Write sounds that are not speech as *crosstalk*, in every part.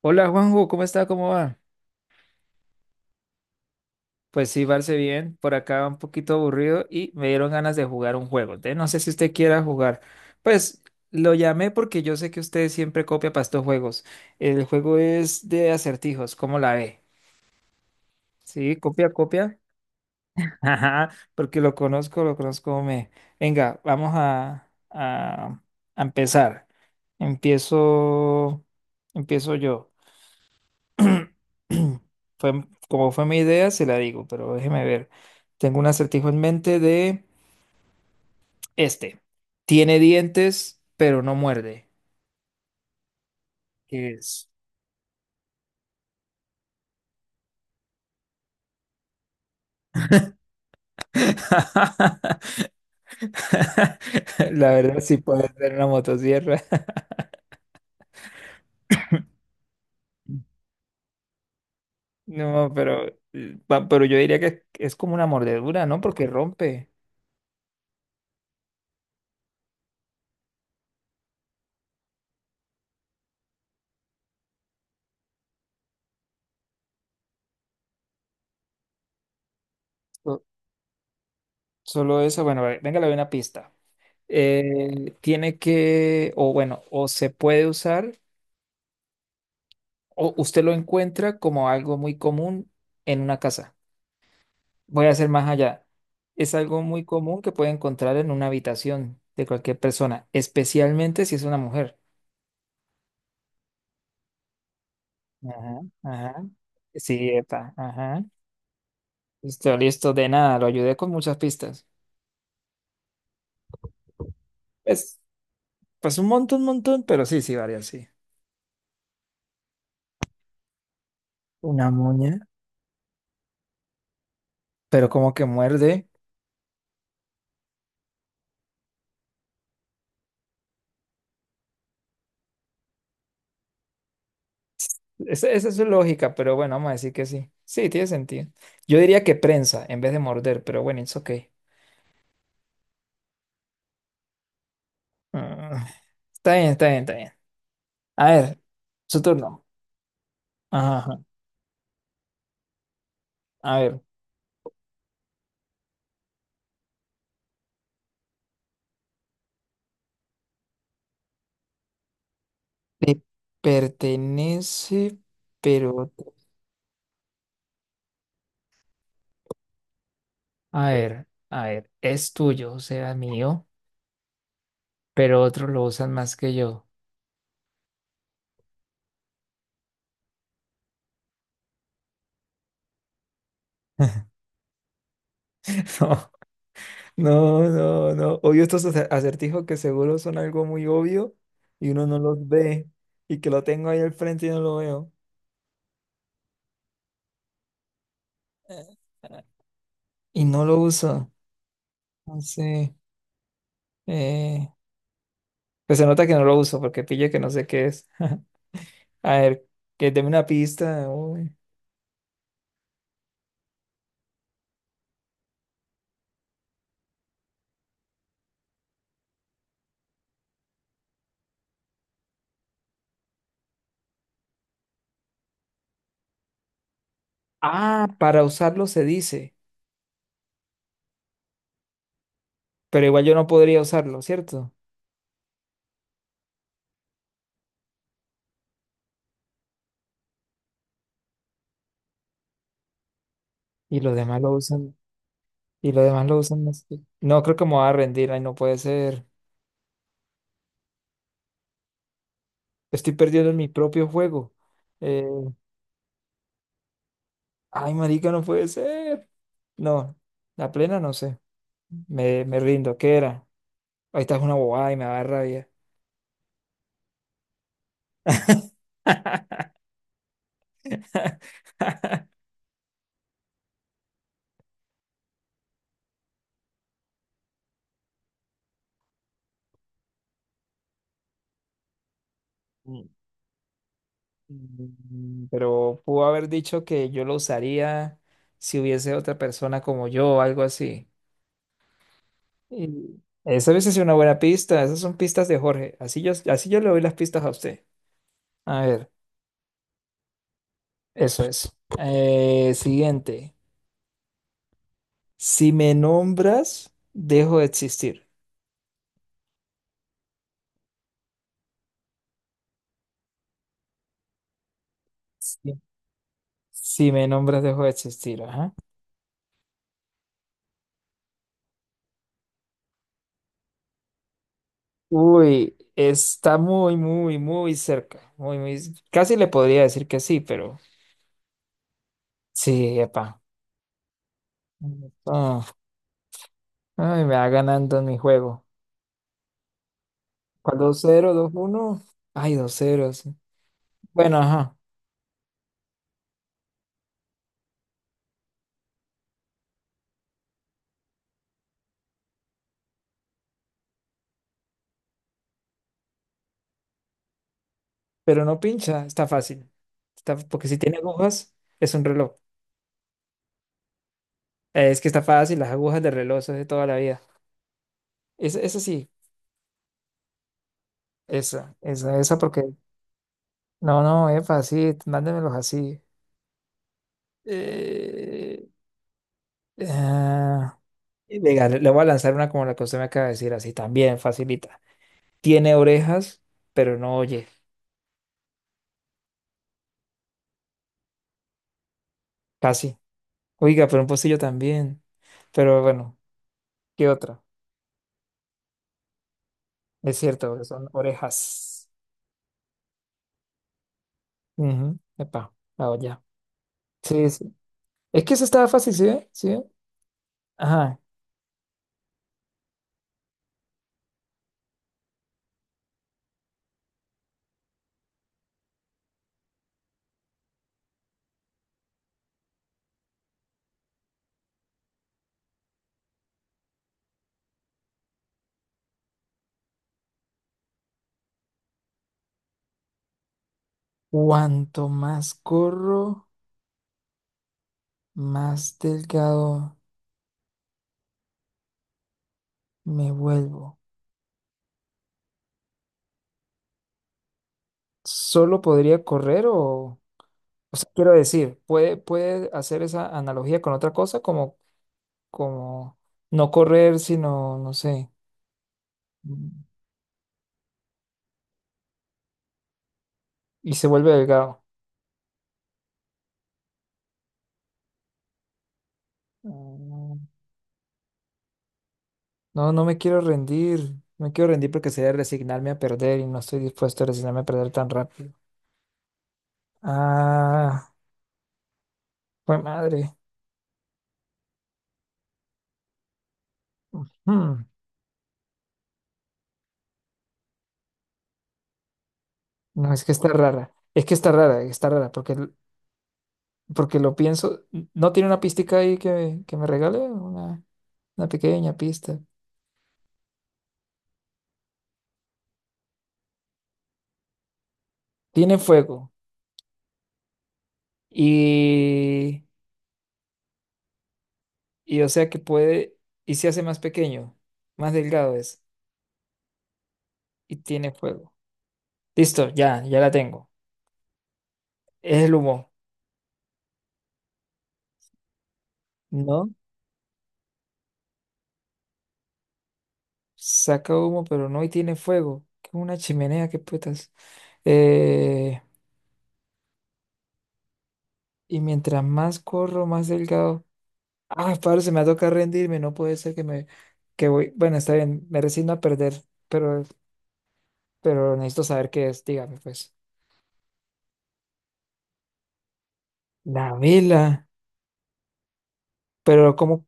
Hola Juanjo, ¿cómo está? ¿Cómo va? Pues sí, Barce, bien. Por acá un poquito aburrido y me dieron ganas de jugar un juego. Entonces, no sé si usted quiera jugar. Pues lo llamé porque yo sé que usted siempre copia para estos juegos. El juego es de acertijos, ¿cómo la ve? Sí, copia, copia. *laughs* Ajá, porque lo conozco, lo conozco. Me... Venga, vamos a a empezar. Empiezo, empiezo yo. *clears throat* Fue, como fue mi idea, se la digo, pero déjeme ver. Tengo un acertijo en mente de este. Tiene dientes, pero no muerde. ¿Qué es? *laughs* La verdad, sí puede ser una motosierra. *laughs* No, pero, pero yo diría que es como una mordedura, ¿no? Porque rompe. So- Solo eso, bueno, a ver, venga, le doy una pista. Tiene que, o bueno, o se puede usar. O usted lo encuentra como algo muy común en una casa. Voy a hacer más allá. Es algo muy común que puede encontrar en una habitación de cualquier persona, especialmente si es una mujer. Ajá, ajá. Sí, epa, ajá. Listo, listo, de nada, lo ayudé con muchas pistas. Pues, pues un montón, pero sí, sí, varias, sí. Una moña. Pero como que muerde. Esa es su lógica, pero bueno, vamos a decir que sí. Sí, tiene sentido. Yo diría que prensa en vez de morder, pero bueno, it's okay. Ah, está bien, está bien, está bien. A ver, su turno. Ajá, ajá. A ver. Te pertenece, pero... A ver, a ver. Es tuyo, o sea, mío, pero otros lo usan más que yo. *laughs* No, no, no, no. Odio estos acertijos que seguro son algo muy obvio y uno no los ve y que lo tengo ahí al frente y no lo veo. *laughs* Eh, eh, y no lo uso. No sé. eh, pues se nota que no lo uso porque pille que no sé qué es. *laughs* A ver, que deme una pista. Uy. Ah, para usarlo se dice, pero igual yo no podría usarlo, ¿cierto? Y los demás lo usan, y los demás lo usan más que... No, creo que me voy a rendir, ay, no puede ser. Estoy perdiendo en mi propio juego. Eh, ay, marica, no puede ser. No, la plena no sé. Me rindo, ¿qué era? Ahí está una bobada y me va a dar rabia. *laughs* Mm, pero pudo haber dicho que yo lo usaría si hubiese otra persona como yo o algo así. Y esa hubiese sido una buena pista. Esas son pistas de Jorge. Así yo le doy las pistas a usted. A ver, eso es. Siguiente. Si me nombras, dejo de existir. Sí. Si me nombras, dejo de existir. Ajá. Uy, está muy, muy, muy cerca. Muy, muy... Casi le podría decir que sí, pero sí, epa. Ay, me va ganando en mi juego. ¿Cuál 2-0, 2-1? Ay, 2-0. Sí. Bueno, ajá. Pero no pincha, está fácil. Está, porque si tiene agujas, es un reloj. Es que está fácil, las agujas de reloj, eso es de toda la vida. Esa sí, esa porque. No, no, es fácil, mándemelos así. Eh, ah, venga, le voy a lanzar una como la que usted me acaba de decir, así también, facilita. Tiene orejas, pero no oye, casi. Oiga, pero un pocillo también. Pero bueno, ¿qué otra? Es cierto, son orejas. Ujú. Epa, ah, ya. Sí, sí. Es que eso estaba fácil, ¿sí ve? ¿Sí ve? Ajá. Cuanto más corro, más delgado me vuelvo. ¿Solo podría correr o...? O sea, quiero decir, ¿puede, puede hacer esa analogía con otra cosa? Como, como no correr, sino, no sé, mm, y se vuelve delgado. No, no me quiero rendir. No quiero rendir porque sería resignarme a perder y no estoy dispuesto a resignarme a perder tan rápido. Ah, pues madre. Hmm, No, es que está rara. Es que está rara, porque... porque lo pienso. ¿No tiene una pista ahí que me regale? Una pequeña pista. Tiene fuego. Y, y o sea que puede. Y se hace más pequeño, más delgado es. Y tiene fuego. Listo, ya, ya la tengo. Es el humo. ¿No? Saca humo, pero no y tiene fuego. Que es una chimenea, qué putas. Eh, y mientras más corro, más delgado. Ah, padre, se me toca rendirme, no puede ser que me que voy. Bueno, está bien, me resigno a perder, pero, pero necesito saber qué es, dígame pues. La vela. Pero cómo,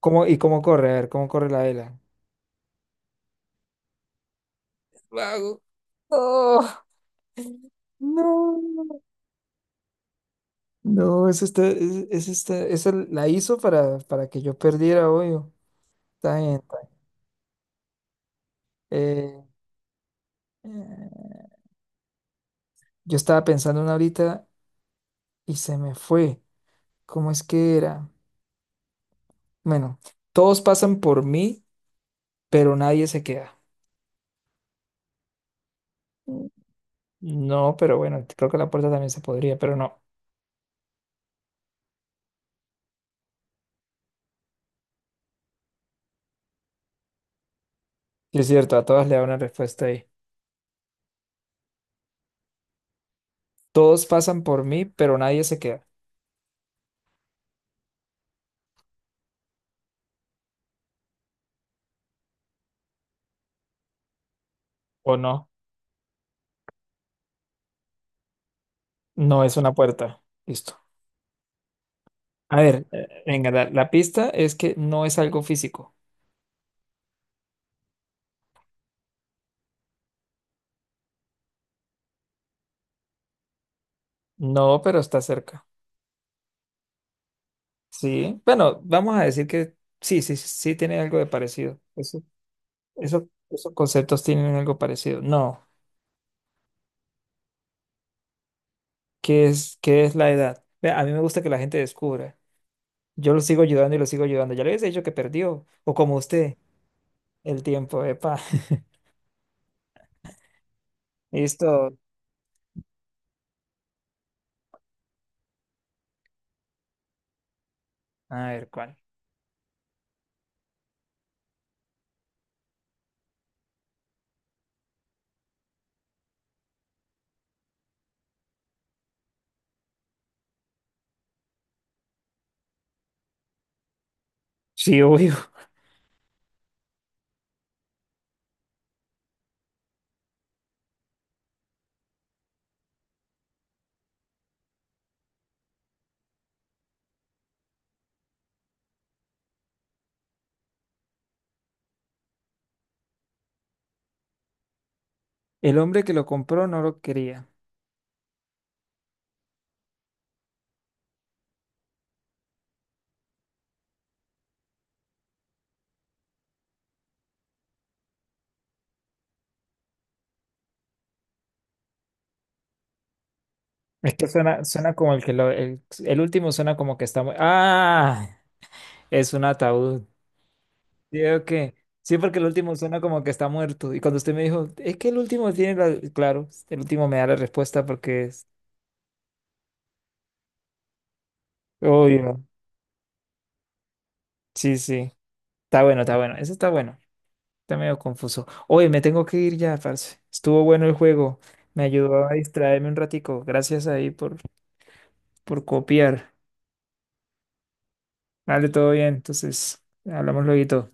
cómo, y cómo corre, a ver, cómo corre la vela. Vago. Oh, no. No, eso está, esa la hizo para que yo perdiera, obvio. Está bien. Eh, eh, yo estaba pensando en una ahorita y se me fue. ¿Cómo es que era? Bueno, todos pasan por mí, pero nadie se queda. Mm. No, pero bueno, creo que la puerta también se podría, pero no. Sí, es cierto, a todas le da una respuesta ahí. Todos pasan por mí, pero nadie se queda. ¿O no? No es una puerta. Listo. A ver, venga, la pista es que no es algo físico. No, pero está cerca. Sí, bueno, vamos a decir que sí, sí, tiene algo de parecido. Eso esos conceptos tienen algo parecido. No, qué es la edad? Ve, a mí me gusta que la gente descubra. Yo lo sigo ayudando y lo sigo ayudando. Ya le habéis dicho que perdió, o como usted, el tiempo, epa. *laughs* Listo. A ver, ¿cuál? Sí, obvio. El hombre que lo compró no lo quería. Es que suena, suena como el que lo... el último suena como que está ¡ah! Es un ataúd. Digo que... Sí, porque el último suena como que está muerto. Y cuando usted me dijo, es que el último tiene la... Claro, el último me da la respuesta porque obvio. Sí, sí. Está bueno, está bueno. Eso está bueno. Está medio confuso. Oye, me tengo que ir ya, parce. Estuvo bueno el juego. Me ayudó a distraerme un ratico. Gracias ahí por copiar. Vale, todo bien. Entonces, hablamos luego.